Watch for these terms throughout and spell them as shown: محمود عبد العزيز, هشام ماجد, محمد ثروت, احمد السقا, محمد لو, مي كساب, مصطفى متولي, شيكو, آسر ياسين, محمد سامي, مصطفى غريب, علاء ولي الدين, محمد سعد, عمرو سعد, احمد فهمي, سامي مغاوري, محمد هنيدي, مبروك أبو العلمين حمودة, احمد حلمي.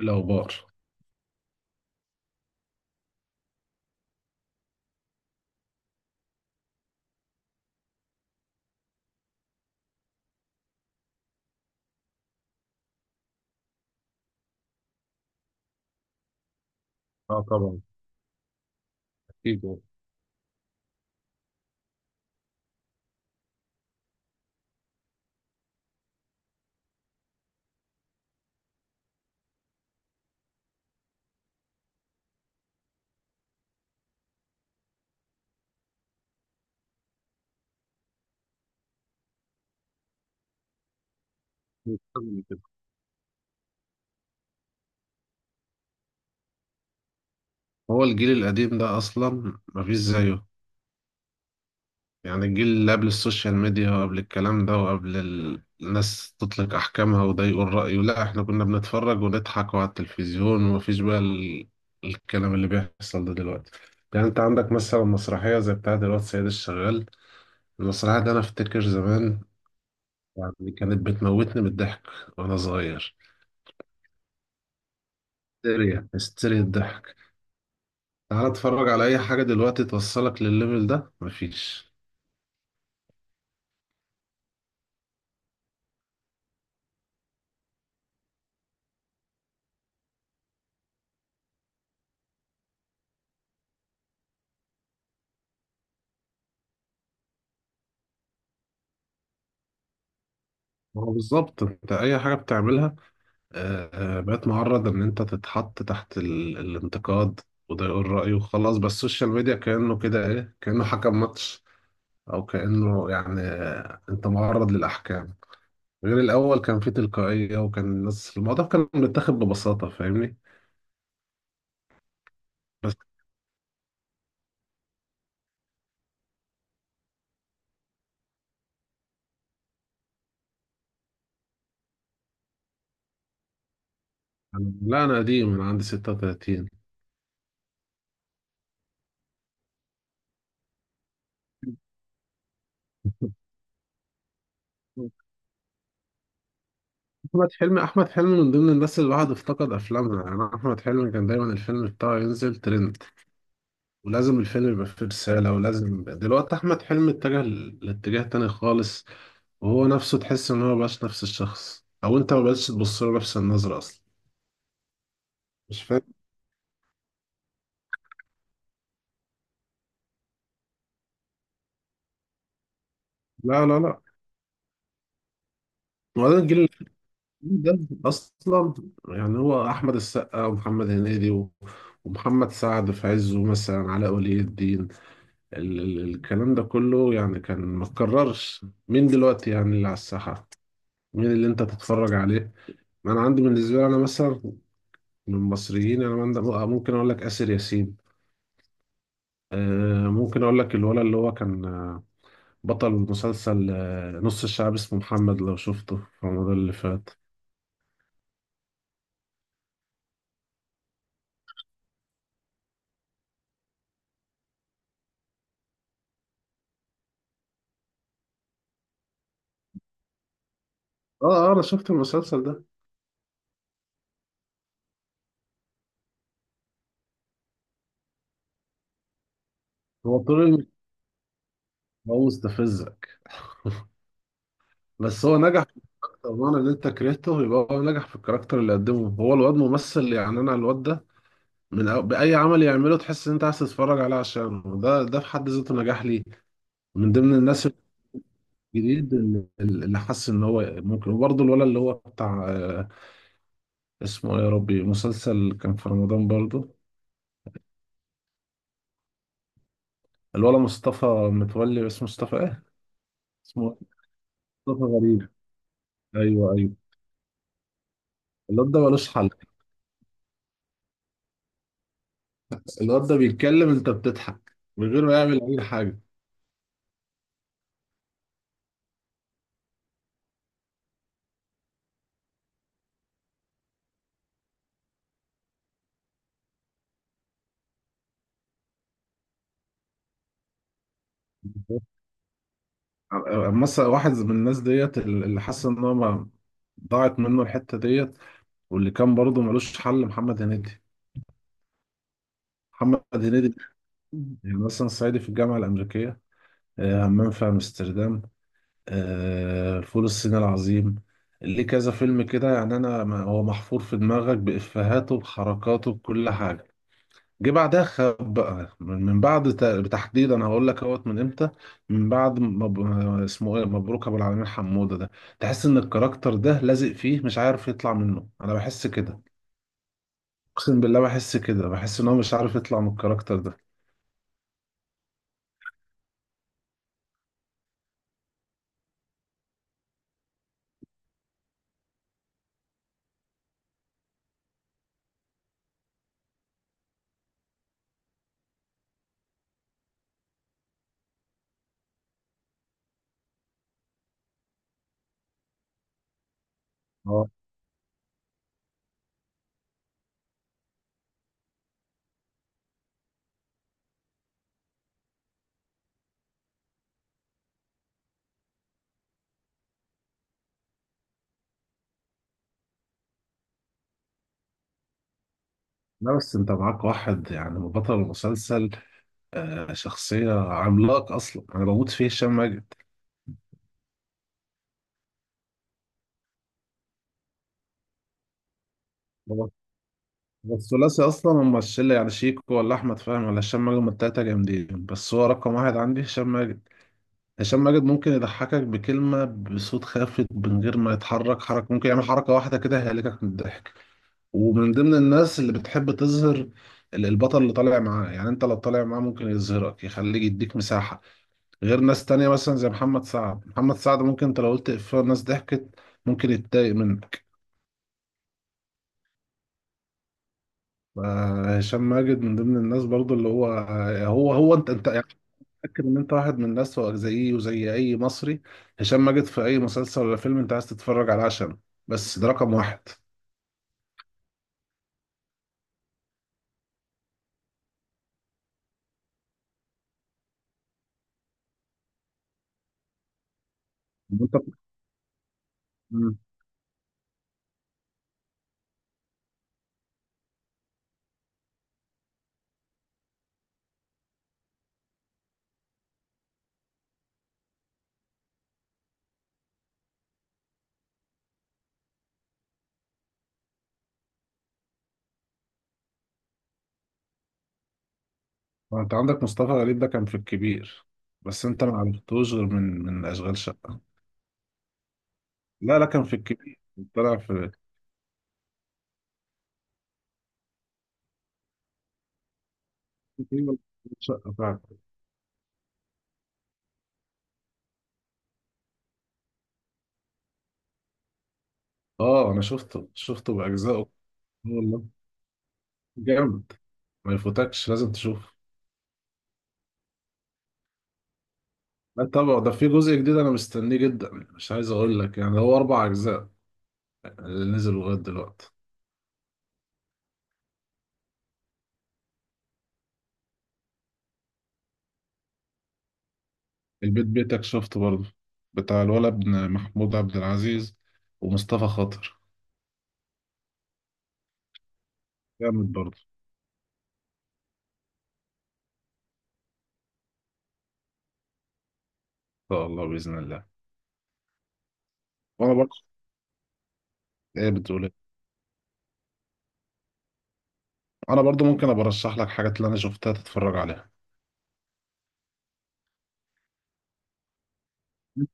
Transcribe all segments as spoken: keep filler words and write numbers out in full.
الأخبار. اه، طبعا، اكيد يعني. مش لازم كده. هو الجيل القديم ده أصلا مفيش زيه. يعني الجيل اللي قبل السوشيال ميديا وقبل الكلام ده وقبل ال- الناس تطلق أحكامها، وده يقول رأيه. لا، إحنا كنا بنتفرج ونضحك على التلفزيون، ومفيش بقى ال... الكلام اللي بيحصل ده دلوقتي. يعني أنت عندك مثلا مسرحية زي بتاعة الواد سيد الشغال. المسرحية دي أنا أفتكر زمان، يعني كانت بتموتني من الضحك وأنا صغير. هستيريا، هستيريا الضحك. تعالى اتفرج على اي حاجة دلوقتي توصلك للليفل ده، مفيش. ما هو بالظبط انت اي حاجة بتعملها آه، آه، بقت معرض ان انت تتحط تحت ال... الانتقاد، وده يقول رأيه وخلاص. بس السوشيال ميديا كأنه كده ايه، كأنه حكم ماتش، او كأنه يعني آه، انت معرض للاحكام. غير الاول، كان في تلقائية، وكان الناس الموضوع كان متاخد ببساطة، فاهمني؟ بس. لا، انا قديم، انا عندي ستة وتلاتين. احمد حلمي، احمد حلمي من ضمن الناس اللي الواحد افتقد افلامها. يعني احمد حلمي كان دايما الفيلم بتاعه ينزل ترند، ولازم الفيلم يبقى فيه رساله. ولازم دلوقتي احمد حلمي اتجه ل- لاتجاه تاني خالص، وهو نفسه تحس ان هو مبقاش نفس الشخص، او انت مبقتش تبص له نفس النظره اصلا. مش فاهم. لا لا لا. وبعدين الجيل اللي ده اصلا، يعني هو احمد السقا، ومحمد هنيدي، و- ومحمد سعد في عزه، مثلا علاء ولي الدين، ال- ال- الكلام ده كله، يعني كان ما اتكررش. مين دلوقتي يعني اللي على الساحة؟ مين اللي انت تتفرج عليه؟ ما انا عندي، بالنسبة لي انا مثلا من المصريين، انا عند- ممكن اقول لك آسر ياسين. آه، ممكن اقول لك الولد اللي هو كان، آه، بطل مسلسل آه، نص الشعب، اسمه محمد، لو شفته في رمضان اللي فات. اه اه، انا شفت المسلسل ده. هو طول الم- هو مستفزك، بس هو نجح. طبعا ان انت كرهته يبقى هو نجح في الكاركتر اللي قدمه. هو الواد ممثل، يعني انا الواد ده من أو... بأي عمل يعمله تحس إن أنت عايز تتفرج عليه، عشان ده ده في حد ذاته نجاح ليه. من ضمن الناس الجديد اللي اللي حس إن هو ممكن. وبرضه الولد اللي هو بتاع، آه، اسمه إيه يا ربي، مسلسل كان في رمضان برضه، الولد مصطفى متولي، اسمه مصطفى إيه؟ اسمه مصطفى غريب. أيوه أيوه. الواد ده ملوش حل. الواد ده بيتكلم أنت بتضحك من غير ما يعمل أي حاجة. مثلا واحد من الناس ديت اللي حاسس إن هو ما- ضاعت منه الحتة ديت، واللي كان برضه ملوش حل محمد هنيدي. محمد هنيدي ده، يعني مثلا صعيدي في الجامعة الأمريكية، آه، همام في أمستردام، آه، فول الصين العظيم، ليه كذا فيلم كده يعني. أنا ما- هو محفور في دماغك، بإفيهاته، بحركاته، بكل حاجة. جه بعدها خاب بقى، من من بعد ت- تحديدا أنا هقول لك اهوت من إمتى. من بعد مب... اسمه إيه مبروك أبو العلمين حمودة ده، تحس إن الكاركتر ده لازق فيه، مش عارف يطلع منه، أنا بحس كده. اقسم بالله بحس كده، بحس ان هو مش عارف يطلع من الكاركتر ده. اه. لا بس انت معاك واحد يعني بطل المسلسل، آه شخصية عملاق اصلا، انا بموت فيه، هشام ماجد. هو هو الثلاثي اصلا هم الشلة. يعني شيكو، ولا احمد فهمي، ولا هشام ماجد، هم التلاتة جامدين، بس هو رقم واحد عندي هشام ماجد. هشام ماجد ممكن يضحكك بكلمة بصوت خافت من غير ما يتحرك حركة، ممكن يعمل حركة واحدة كده هيهلكك من الضحك. ومن ضمن الناس اللي بتحب تظهر ال- البطل اللي طالع معاه، يعني انت لو طالع معاه ممكن يظهرك، يخليك يديك مساحة، غير ناس تانية مثلا زي محمد سعد. محمد سعد ممكن انت لو قلت إفيه الناس ضحكت ممكن يتضايق منك. آه، هشام ماجد من ضمن الناس برضو اللي هو، هو هو انت انت يعني متأكد ان انت واحد من الناس، هو زيي وزي اي مصري، هشام ماجد في اي مسلسل ولا فيلم انت عايز تتفرج على عشان، بس ده رقم واحد. انت ما انت عندك مصطفى غريب ده كان في الكبير، بس انت ما عرفتوش غير من من اشغال شقه. لا لا كان في الكبير. طلع في، تقريباً أشغال شقه فعلا. اه انا شفته شفته باجزائه. آه، والله جامد، ما يفوتكش لازم تشوفه. لا طبعا، ده في جزء جديد انا مستنيه جدا، مش عايز اقول لك، يعني هو اربع اجزاء اللي نزلوا لغايه دلوقتي. البيت بيتك شفته برضه، بتاع الولد ابن محمود عبد العزيز ومصطفى خاطر. جامد برضه. ان شاء الله، باذن الله. وانا برضه، ايه بتقول إيه؟ انا برضو ممكن ابقى ارشح لك حاجات اللي انا شفتها تتفرج عليها،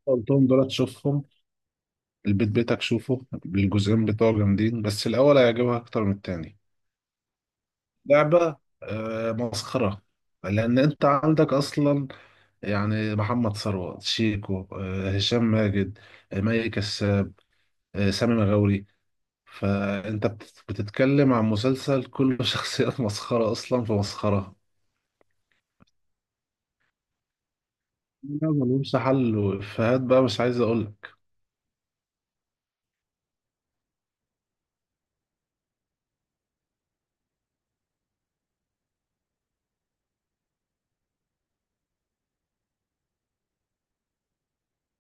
قلتهم دول تشوفهم. البيت بيتك شوفه، الجزئين بتوع جامدين، بس الاول هيعجبها اكتر من التاني. لعبة. آه، مسخرة، لان انت عندك اصلا، يعني محمد ثروت، شيكو، آه هشام ماجد، آه مي كساب، آه سامي مغاوري، فانت بت- بتتكلم عن مسلسل كله شخصيات مسخرة، اصلا في مسخرة. لا ملهمش حل، وإفيهات بقى مش عايز اقول لك.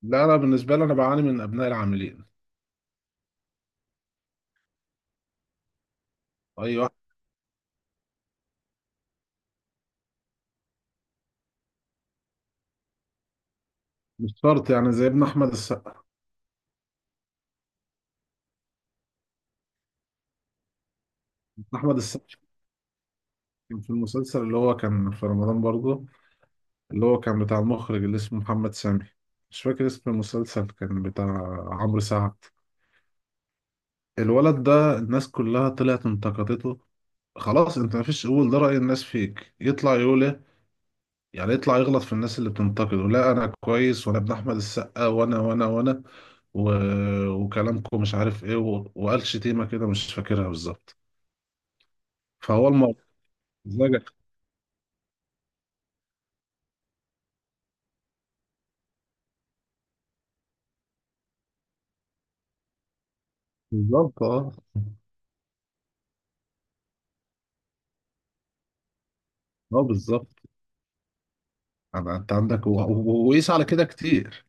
لا انا بالنسبة لي انا بعاني من ابناء العاملين. ايوه، مش شرط يعني زي ابن احمد السقا. احمد السقا كان في المسلسل اللي هو كان في رمضان برضه، اللي هو كان بتاع المخرج اللي اسمه محمد سامي، مش فاكر اسم المسلسل، كان بتاع عمرو سعد. الولد ده الناس كلها طلعت انتقدته، خلاص. انت مفيش، قول ده رأي الناس فيك، يطلع يقول ايه؟ يعني يطلع يغلط في الناس اللي بتنتقده: لا انا كويس، وانا ابن احمد السقا، وانا وانا وانا و... وكلامكم مش عارف ايه، و... وقال شتيمة كده مش فاكرها بالظبط. فهو الموضوع. بالظبط اه، اه بالظبط. انا انت عندك، و- و- وقيس على كده كتير،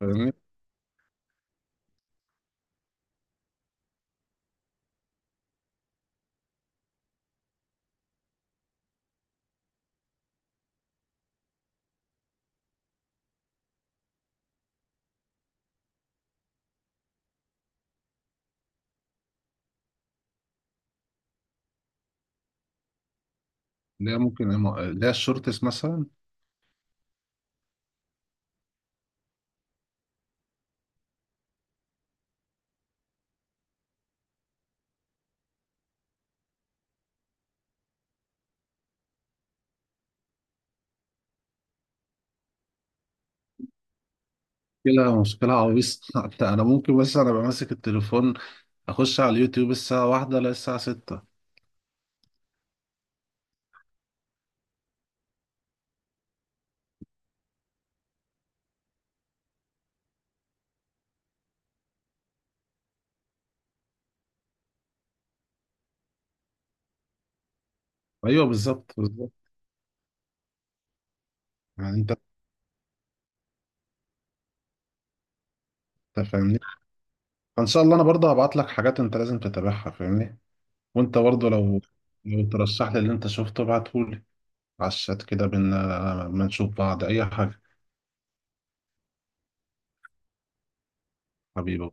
فاهمني. لا ممكن، لا الشورتس مثلا. مشكلة، مشكلة عويصة. أنت- انا ممكن، بس انا بمسك ماسك التليفون، اخش على اليوتيوب الساعة واحدة، لا الساعة ستة. ايوه، بالظبط بالظبط. يعني انت، أنت فاهمني. فان شاء الله، انا برضه هبعت لك حاجات انت لازم تتابعها، فاهمني. وانت برضه لو لو ترشح لي اللي انت شفته ابعتهولي على الشات كده بينا، ما نشوف بعض اي حاجة. حبيبي.